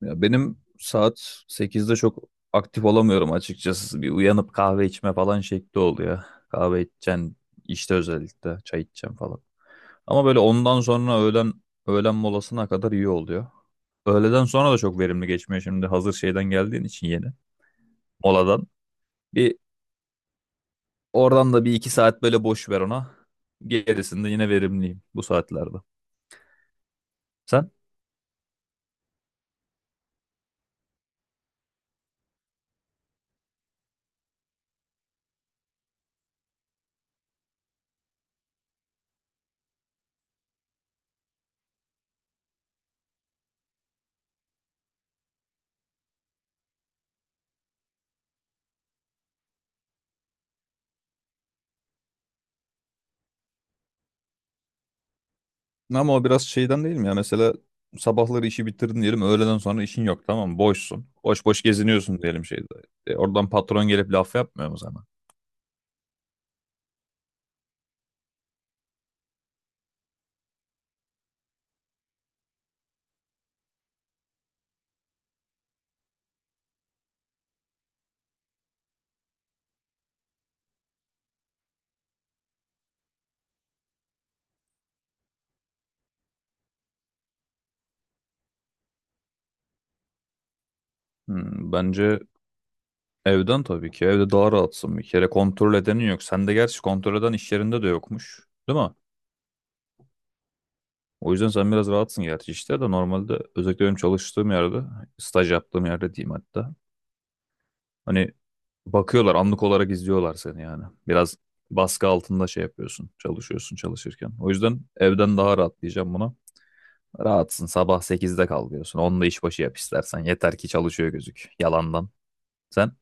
Ya benim saat 8'de çok aktif olamıyorum açıkçası. Bir uyanıp kahve içme falan şekli oluyor. Kahve içeceğim işte özellikle çay içeceğim falan. Ama böyle ondan sonra öğlen molasına kadar iyi oluyor. Öğleden sonra da çok verimli geçmiyor, şimdi hazır şeyden geldiğin için, yeni moladan. Bir oradan da bir iki saat böyle boş ver ona. Gerisinde yine verimliyim bu saatlerde. Sen? Ama o biraz şeyden değil mi ya? Mesela sabahları işi bitirdin diyelim, öğleden sonra işin yok, tamam mı? Boşsun. Boş boş geziniyorsun diyelim şeyde. Oradan patron gelip laf yapmıyor mu sana? Bence evden tabii ki. Evde daha rahatsın bir kere. Kontrol edenin yok. Sende gerçi kontrol eden iş yerinde de yokmuş. Değil mi? O yüzden sen biraz rahatsın, gerçi işte de normalde, özellikle benim çalıştığım yerde, staj yaptığım yerde diyeyim hatta. Hani bakıyorlar, anlık olarak izliyorlar seni yani. Biraz baskı altında şey yapıyorsun. Çalışıyorsun çalışırken. O yüzden evden daha rahat diyeceğim buna. Rahatsın, sabah 8'de kalkıyorsun. Onu da işbaşı yap istersen. Yeter ki çalışıyor gözük. Yalandan. Sen?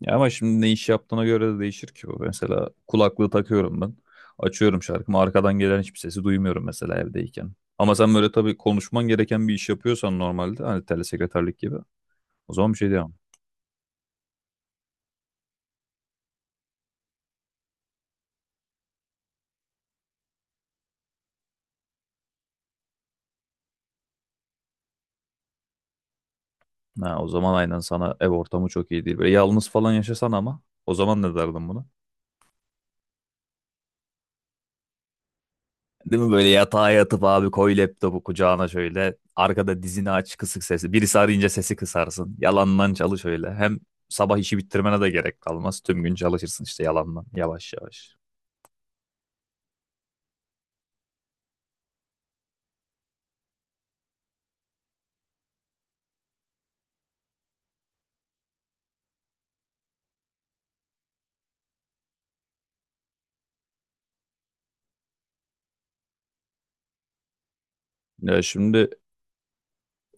Ya ama şimdi ne iş yaptığına göre de değişir ki bu. Mesela kulaklığı takıyorum ben. Açıyorum şarkımı. Arkadan gelen hiçbir sesi duymuyorum mesela evdeyken. Ama sen böyle tabii konuşman gereken bir iş yapıyorsan normalde, hani telesekreterlik gibi, o zaman bir şey diyemem. Ha, o zaman aynen sana ev ortamı çok iyi değil. Böyle yalnız falan yaşasan, ama o zaman ne derdin buna? Değil mi, böyle yatağa yatıp, abi koy laptopu kucağına şöyle arkada, dizini aç, kısık sesi. Birisi arayınca sesi kısarsın. Yalandan çalış öyle. Hem sabah işi bitirmene de gerek kalmaz. Tüm gün çalışırsın işte yalandan, yavaş yavaş. Ya şimdi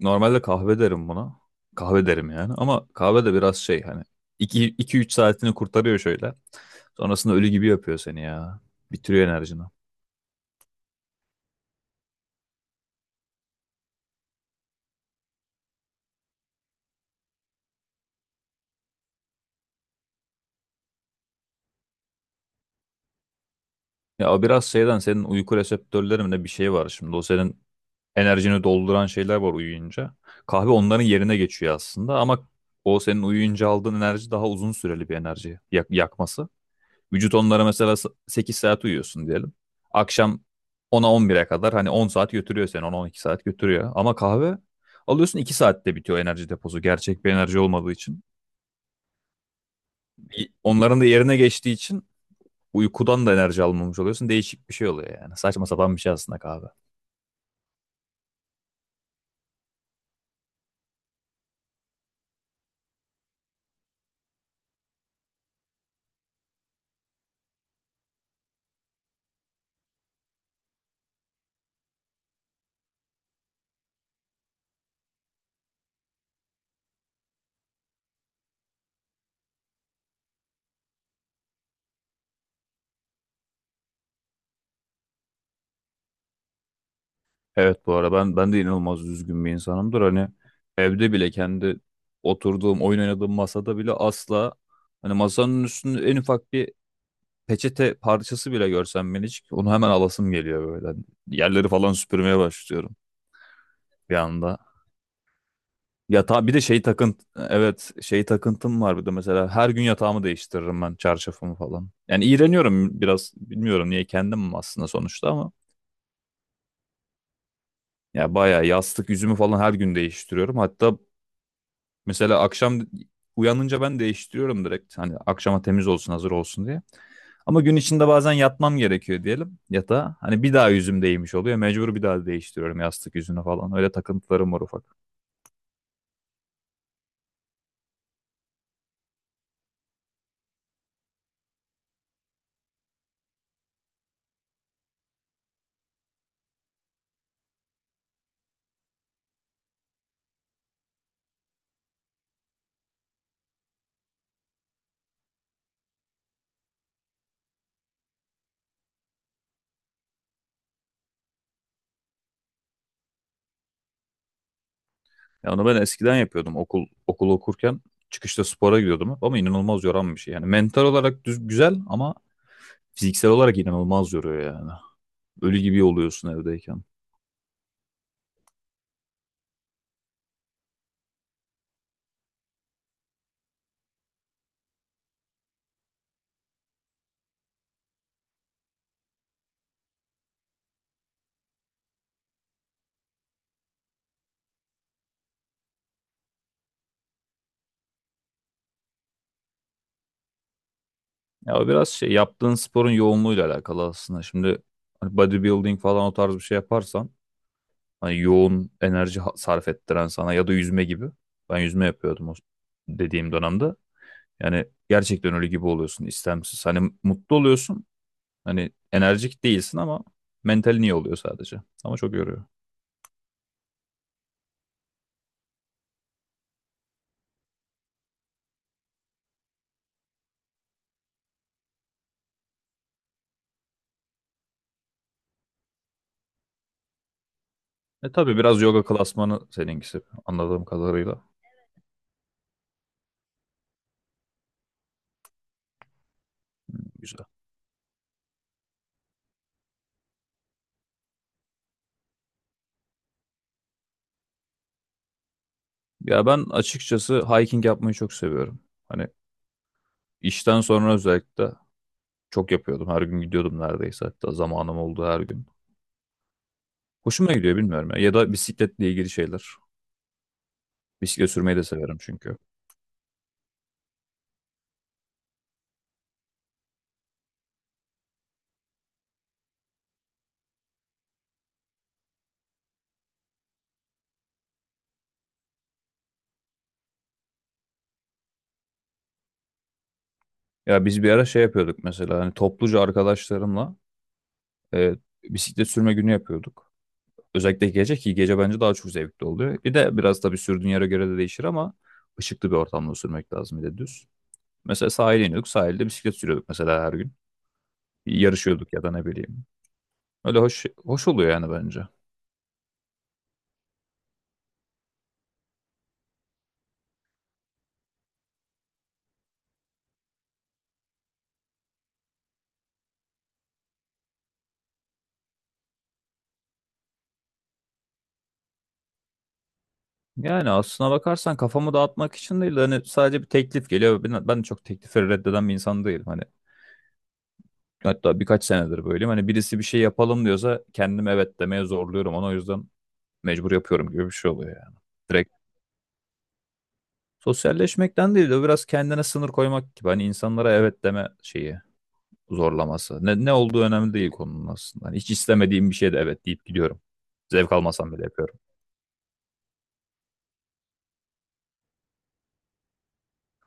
normalde kahve derim buna. Kahve derim yani, ama kahve de biraz şey hani, iki üç saatini kurtarıyor şöyle. Sonrasında ölü gibi yapıyor seni ya. Bitiriyor enerjini. Ya o biraz şeyden, senin uyku reseptörlerinde bir şey var şimdi. O senin enerjini dolduran şeyler var uyuyunca. Kahve onların yerine geçiyor aslında, ama o senin uyuyunca aldığın enerji daha uzun süreli bir enerji yakması. Vücut onlara mesela, 8 saat uyuyorsun diyelim. Akşam ona 10 bire kadar, hani 10 saat götürüyor seni, on on iki saat götürüyor. Ama kahve alıyorsun, 2 saatte bitiyor enerji deposu, gerçek bir enerji olmadığı için. Onların da yerine geçtiği için uykudan da enerji almamış oluyorsun. Değişik bir şey oluyor yani. Saçma sapan bir şey aslında kahve. Evet, bu arada ben de inanılmaz üzgün bir insanımdır. Hani evde bile kendi oturduğum, oyun oynadığım masada bile, asla hani masanın üstünde en ufak bir peçete parçası bile görsem, ben hiç, onu hemen alasım geliyor böyle. Hani yerleri falan süpürmeye başlıyorum bir anda. Yatağa bir de şey evet, şey takıntım var bir de. Mesela her gün yatağımı değiştiririm ben, çarşafımı falan. Yani iğreniyorum biraz, bilmiyorum niye kendim aslında sonuçta, ama ya bayağı yastık yüzümü falan her gün değiştiriyorum. Hatta mesela akşam uyanınca ben değiştiriyorum direkt. Hani akşama temiz olsun, hazır olsun diye. Ama gün içinde bazen yatmam gerekiyor diyelim yatağa. Hani bir daha yüzüm değmiş oluyor. Mecbur bir daha değiştiriyorum yastık yüzünü falan. Öyle takıntılarım var ufak. Ya onu ben eskiden yapıyordum. Okul okurken çıkışta spora gidiyordum hep, ama inanılmaz yoran bir şey. Yani mental olarak düz, güzel, ama fiziksel olarak inanılmaz yoruyor yani. Ölü gibi oluyorsun evdeyken. Ya o biraz şey, yaptığın sporun yoğunluğuyla alakalı aslında. Şimdi hani bodybuilding falan o tarz bir şey yaparsan, hani yoğun enerji sarf ettiren sana, ya da yüzme gibi. Ben yüzme yapıyordum o dediğim dönemde. Yani gerçekten ölü gibi oluyorsun istemsiz. Hani mutlu oluyorsun. Hani enerjik değilsin ama mentalin iyi oluyor sadece. Ama çok yoruyor. E tabii biraz yoga klasmanı seninkisi anladığım kadarıyla, güzel. Ya ben açıkçası hiking yapmayı çok seviyorum. Hani işten sonra özellikle çok yapıyordum. Her gün gidiyordum neredeyse. Hatta zamanım oldu her gün. Hoşuma gidiyor, bilmiyorum ya. Ya da bisikletle ilgili şeyler. Bisiklet sürmeyi de severim çünkü. Ya biz bir ara şey yapıyorduk mesela. Hani topluca arkadaşlarımla e, bisiklet sürme günü yapıyorduk. Özellikle gece, ki gece bence daha çok zevkli oluyor. Bir de biraz tabii sürdüğün yere göre de değişir, ama ışıklı bir ortamda sürmek lazım, bir de düz. Mesela sahile iniyorduk. Sahilde bisiklet sürüyorduk mesela her gün. Yarışıyorduk ya da ne bileyim. Öyle hoş hoş oluyor yani bence. Yani aslına bakarsan kafamı dağıtmak için değil de, hani sadece bir teklif geliyor. Ben de çok teklifleri reddeden bir insan değilim. Hani hatta birkaç senedir böyleyim. Hani birisi bir şey yapalım diyorsa kendim evet demeye zorluyorum. Onu o yüzden mecbur yapıyorum gibi bir şey oluyor yani. Direkt sosyalleşmekten değil de biraz kendine sınır koymak gibi. Hani insanlara evet deme şeyi zorlaması. Ne olduğu önemli değil konunun aslında. Hani hiç istemediğim bir şeye de evet deyip gidiyorum. Zevk almasam bile yapıyorum.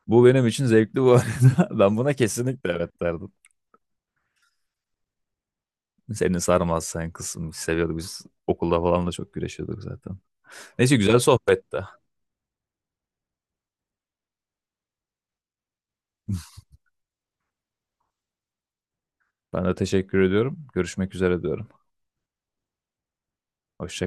Bu benim için zevkli bu arada. Ben buna kesinlikle evet derdim. Seni sarmaz, sen kısım seviyordu. Biz okulda falan da çok güreşiyorduk zaten. Neyse, güzel sohbette. Ben de teşekkür ediyorum. Görüşmek üzere diyorum. Hoşça